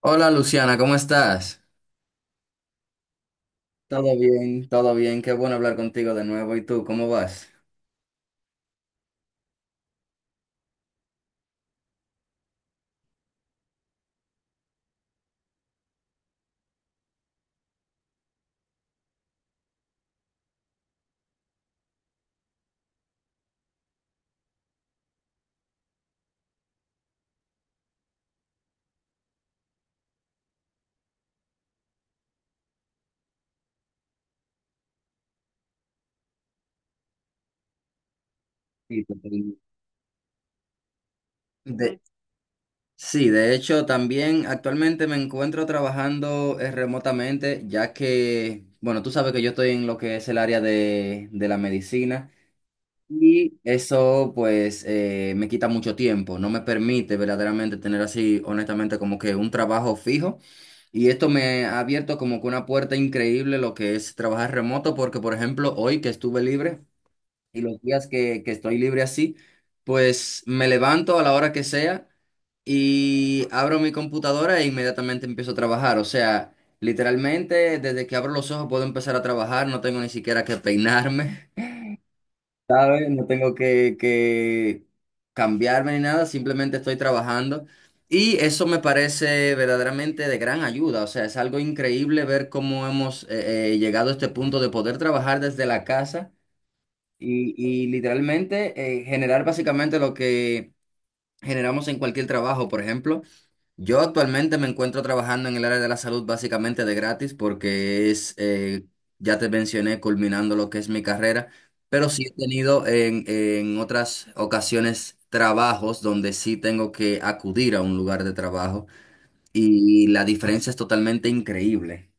Hola Luciana, ¿cómo estás? Todo bien, qué bueno hablar contigo de nuevo. ¿Y tú, cómo vas? Sí, totalmente. De, sí, de hecho, también actualmente me encuentro trabajando remotamente, ya que, bueno, tú sabes que yo estoy en lo que es el área de la medicina. Y eso pues me quita mucho tiempo, no me permite verdaderamente tener así, honestamente, como que un trabajo fijo. Y esto me ha abierto como que una puerta increíble lo que es trabajar remoto, porque por ejemplo, hoy que estuve libre y los días que estoy libre así, pues me levanto a la hora que sea y abro mi computadora e inmediatamente empiezo a trabajar. O sea, literalmente desde que abro los ojos puedo empezar a trabajar, no tengo ni siquiera que peinarme. ¿Sabes? No tengo que cambiarme ni nada, simplemente estoy trabajando. Y eso me parece verdaderamente de gran ayuda, o sea, es algo increíble ver cómo hemos llegado a este punto de poder trabajar desde la casa y literalmente generar básicamente lo que generamos en cualquier trabajo. Por ejemplo, yo actualmente me encuentro trabajando en el área de la salud básicamente de gratis porque es, ya te mencioné, culminando lo que es mi carrera, pero sí he tenido en otras ocasiones trabajos donde sí tengo que acudir a un lugar de trabajo y la diferencia es totalmente increíble.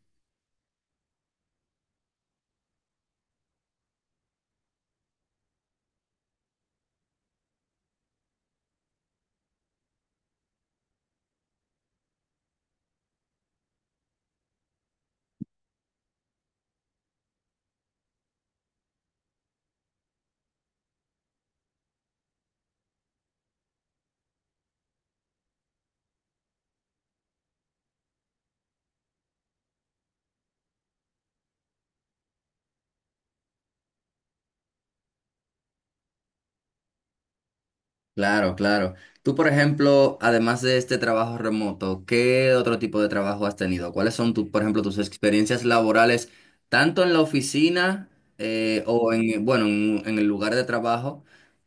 Claro, claro. Tú, por ejemplo, además de este trabajo remoto, ¿qué otro tipo de trabajo has tenido? ¿Cuáles son, tu, por ejemplo, tus experiencias laborales, tanto en la oficina o en, bueno, en el lugar de trabajo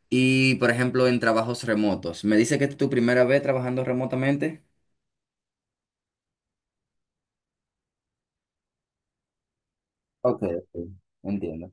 y, por ejemplo, en trabajos remotos? ¿Me dice que es tu primera vez trabajando remotamente? Ok, ok, entiendo.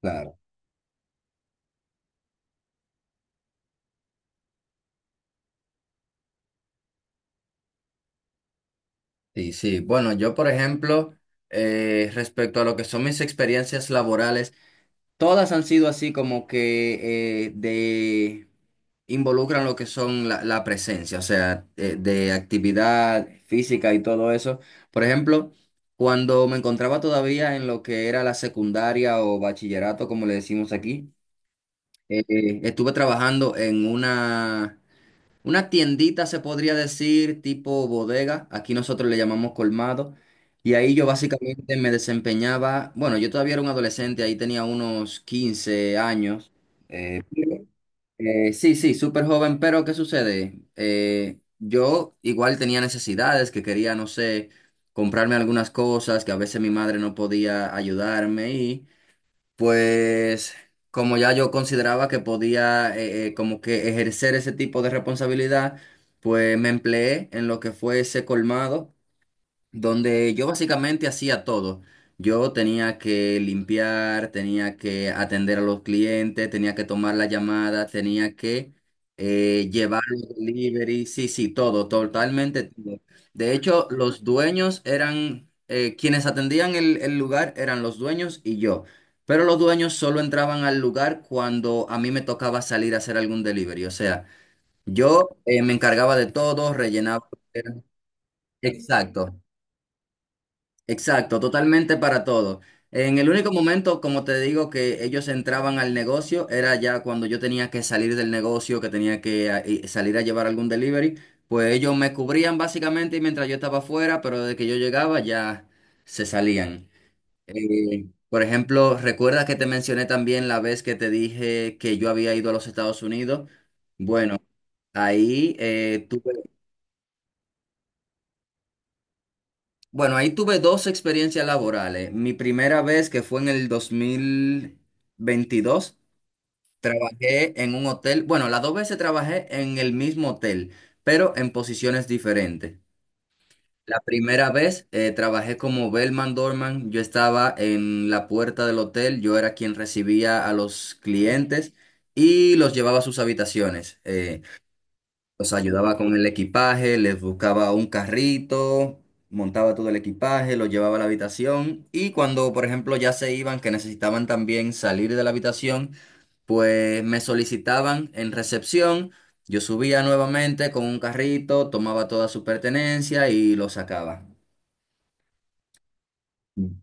Claro. Sí, sí. Bueno, yo, por ejemplo, respecto a lo que son mis experiencias laborales, todas han sido así como que de involucran lo que son la presencia, o sea, de actividad física y todo eso. Por ejemplo, cuando me encontraba todavía en lo que era la secundaria o bachillerato, como le decimos aquí, estuve trabajando en una tiendita se podría decir, tipo bodega, aquí nosotros le llamamos colmado, y ahí yo básicamente me desempeñaba, bueno, yo todavía era un adolescente, ahí tenía unos 15 años, eh, sí, sí, súper joven, pero ¿qué sucede? Yo igual tenía necesidades, que quería, no sé, comprarme algunas cosas, que a veces mi madre no podía ayudarme, y pues como ya yo consideraba que podía como que ejercer ese tipo de responsabilidad, pues me empleé en lo que fue ese colmado donde yo básicamente hacía todo. Yo tenía que limpiar, tenía que atender a los clientes, tenía que tomar la llamada, tenía que llevar los delivery, sí, sí, todo, totalmente todo. De hecho, los dueños eran, quienes atendían el lugar eran los dueños y yo. Pero los dueños solo entraban al lugar cuando a mí me tocaba salir a hacer algún delivery. O sea, yo me encargaba de todo, rellenaba. Exacto. Exacto, totalmente para todo. En el único momento, como te digo, que ellos entraban al negocio era ya cuando yo tenía que salir del negocio, que tenía que y salir a llevar algún delivery, pues ellos me cubrían básicamente mientras yo estaba afuera, pero desde que yo llegaba ya se salían. Por ejemplo, recuerda que te mencioné también la vez que te dije que yo había ido a los Estados Unidos. Bueno, ahí eh, tuve Bueno, ahí tuve dos experiencias laborales. Mi primera vez, que fue en el 2022, trabajé en un hotel. Bueno, las dos veces trabajé en el mismo hotel, pero en posiciones diferentes. La primera vez trabajé como bellman doorman. Yo estaba en la puerta del hotel, yo era quien recibía a los clientes y los llevaba a sus habitaciones. Los ayudaba con el equipaje, les buscaba un carrito, montaba todo el equipaje, lo llevaba a la habitación y cuando, por ejemplo, ya se iban, que necesitaban también salir de la habitación, pues me solicitaban en recepción, yo subía nuevamente con un carrito, tomaba toda su pertenencia y lo sacaba. Mm.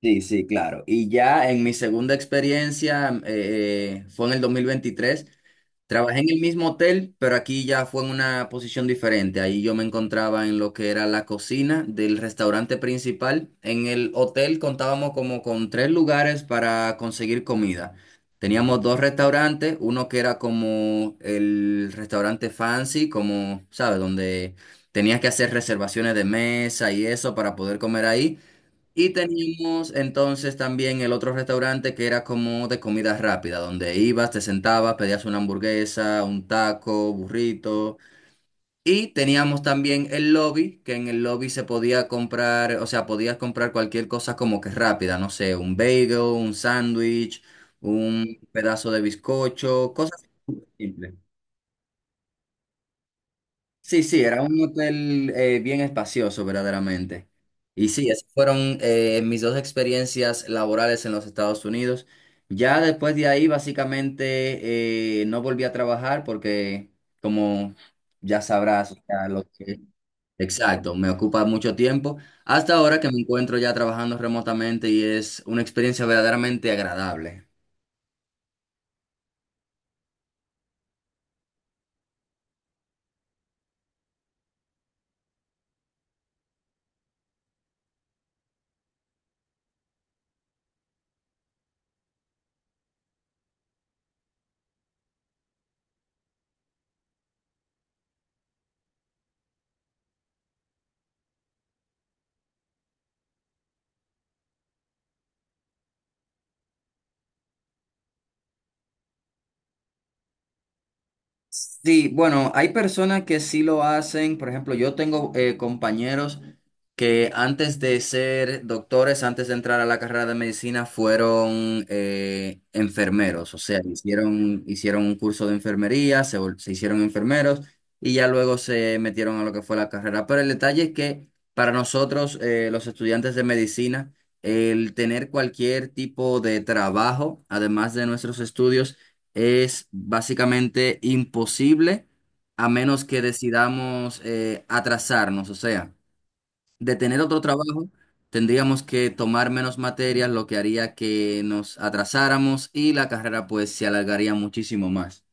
Sí, sí, claro. Y ya en mi segunda experiencia, fue en el 2023. Trabajé en el mismo hotel, pero aquí ya fue en una posición diferente. Ahí yo me encontraba en lo que era la cocina del restaurante principal. En el hotel contábamos como con tres lugares para conseguir comida. Teníamos dos restaurantes, uno que era como el restaurante fancy, como, ¿sabes? Donde tenías que hacer reservaciones de mesa y eso para poder comer ahí. Y teníamos entonces también el otro restaurante que era como de comida rápida, donde ibas, te sentabas, pedías una hamburguesa, un taco, burrito. Y teníamos también el lobby, que en el lobby se podía comprar, o sea, podías comprar cualquier cosa como que rápida, no sé, un bagel, un sándwich, un pedazo de bizcocho, cosas simples. Sí, sí, era un hotel bien espacioso, verdaderamente. Y sí, esas fueron mis dos experiencias laborales en los Estados Unidos. Ya después de ahí, básicamente, no volví a trabajar porque, como ya sabrás, o sea, lo que... Exacto, me ocupa mucho tiempo. Hasta ahora que me encuentro ya trabajando remotamente y es una experiencia verdaderamente agradable. Sí, bueno, hay personas que sí lo hacen. Por ejemplo, yo tengo compañeros que antes de ser doctores, antes de entrar a la carrera de medicina, fueron enfermeros. O sea, hicieron un curso de enfermería, se hicieron enfermeros y ya luego se metieron a lo que fue la carrera. Pero el detalle es que para nosotros, los estudiantes de medicina, el tener cualquier tipo de trabajo, además de nuestros estudios, es básicamente imposible a menos que decidamos atrasarnos. O sea, de tener otro trabajo, tendríamos que tomar menos materias, lo que haría que nos atrasáramos y la carrera pues se alargaría muchísimo más.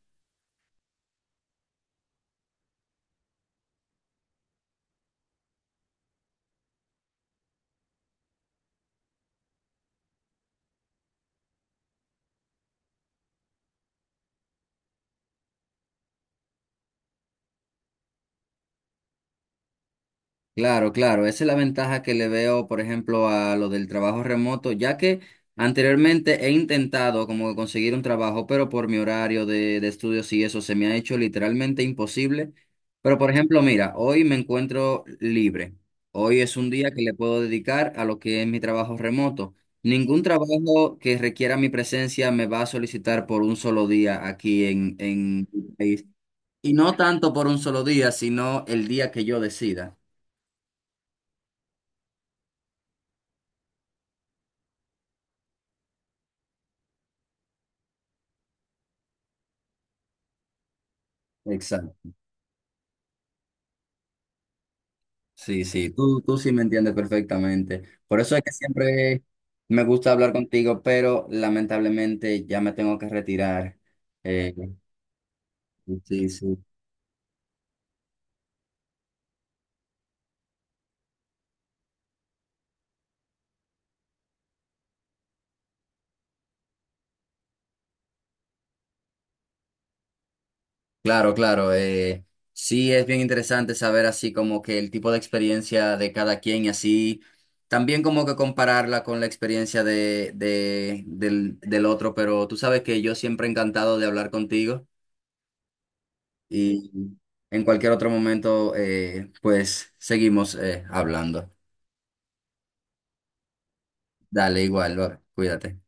Claro, claro, esa es la ventaja que le veo, por ejemplo, a lo del trabajo remoto, ya que anteriormente he intentado como que conseguir un trabajo, pero por mi horario de estudios y eso se me ha hecho literalmente imposible. Pero, por ejemplo, mira, hoy me encuentro libre. Hoy es un día que le puedo dedicar a lo que es mi trabajo remoto. Ningún trabajo que requiera mi presencia me va a solicitar por un solo día aquí en mi país. Y no tanto por un solo día, sino el día que yo decida. Exacto. Sí, sí, tú sí me entiendes perfectamente. Por eso es que siempre me gusta hablar contigo, pero lamentablemente ya me tengo que retirar. Eh, sí, sí. Claro, claro. Sí, es bien interesante saber así como que el tipo de experiencia de cada quien y así también como que compararla con la experiencia de, del, del otro, pero tú sabes que yo siempre encantado de hablar contigo y en cualquier otro momento pues seguimos hablando. Dale, igual, va, cuídate.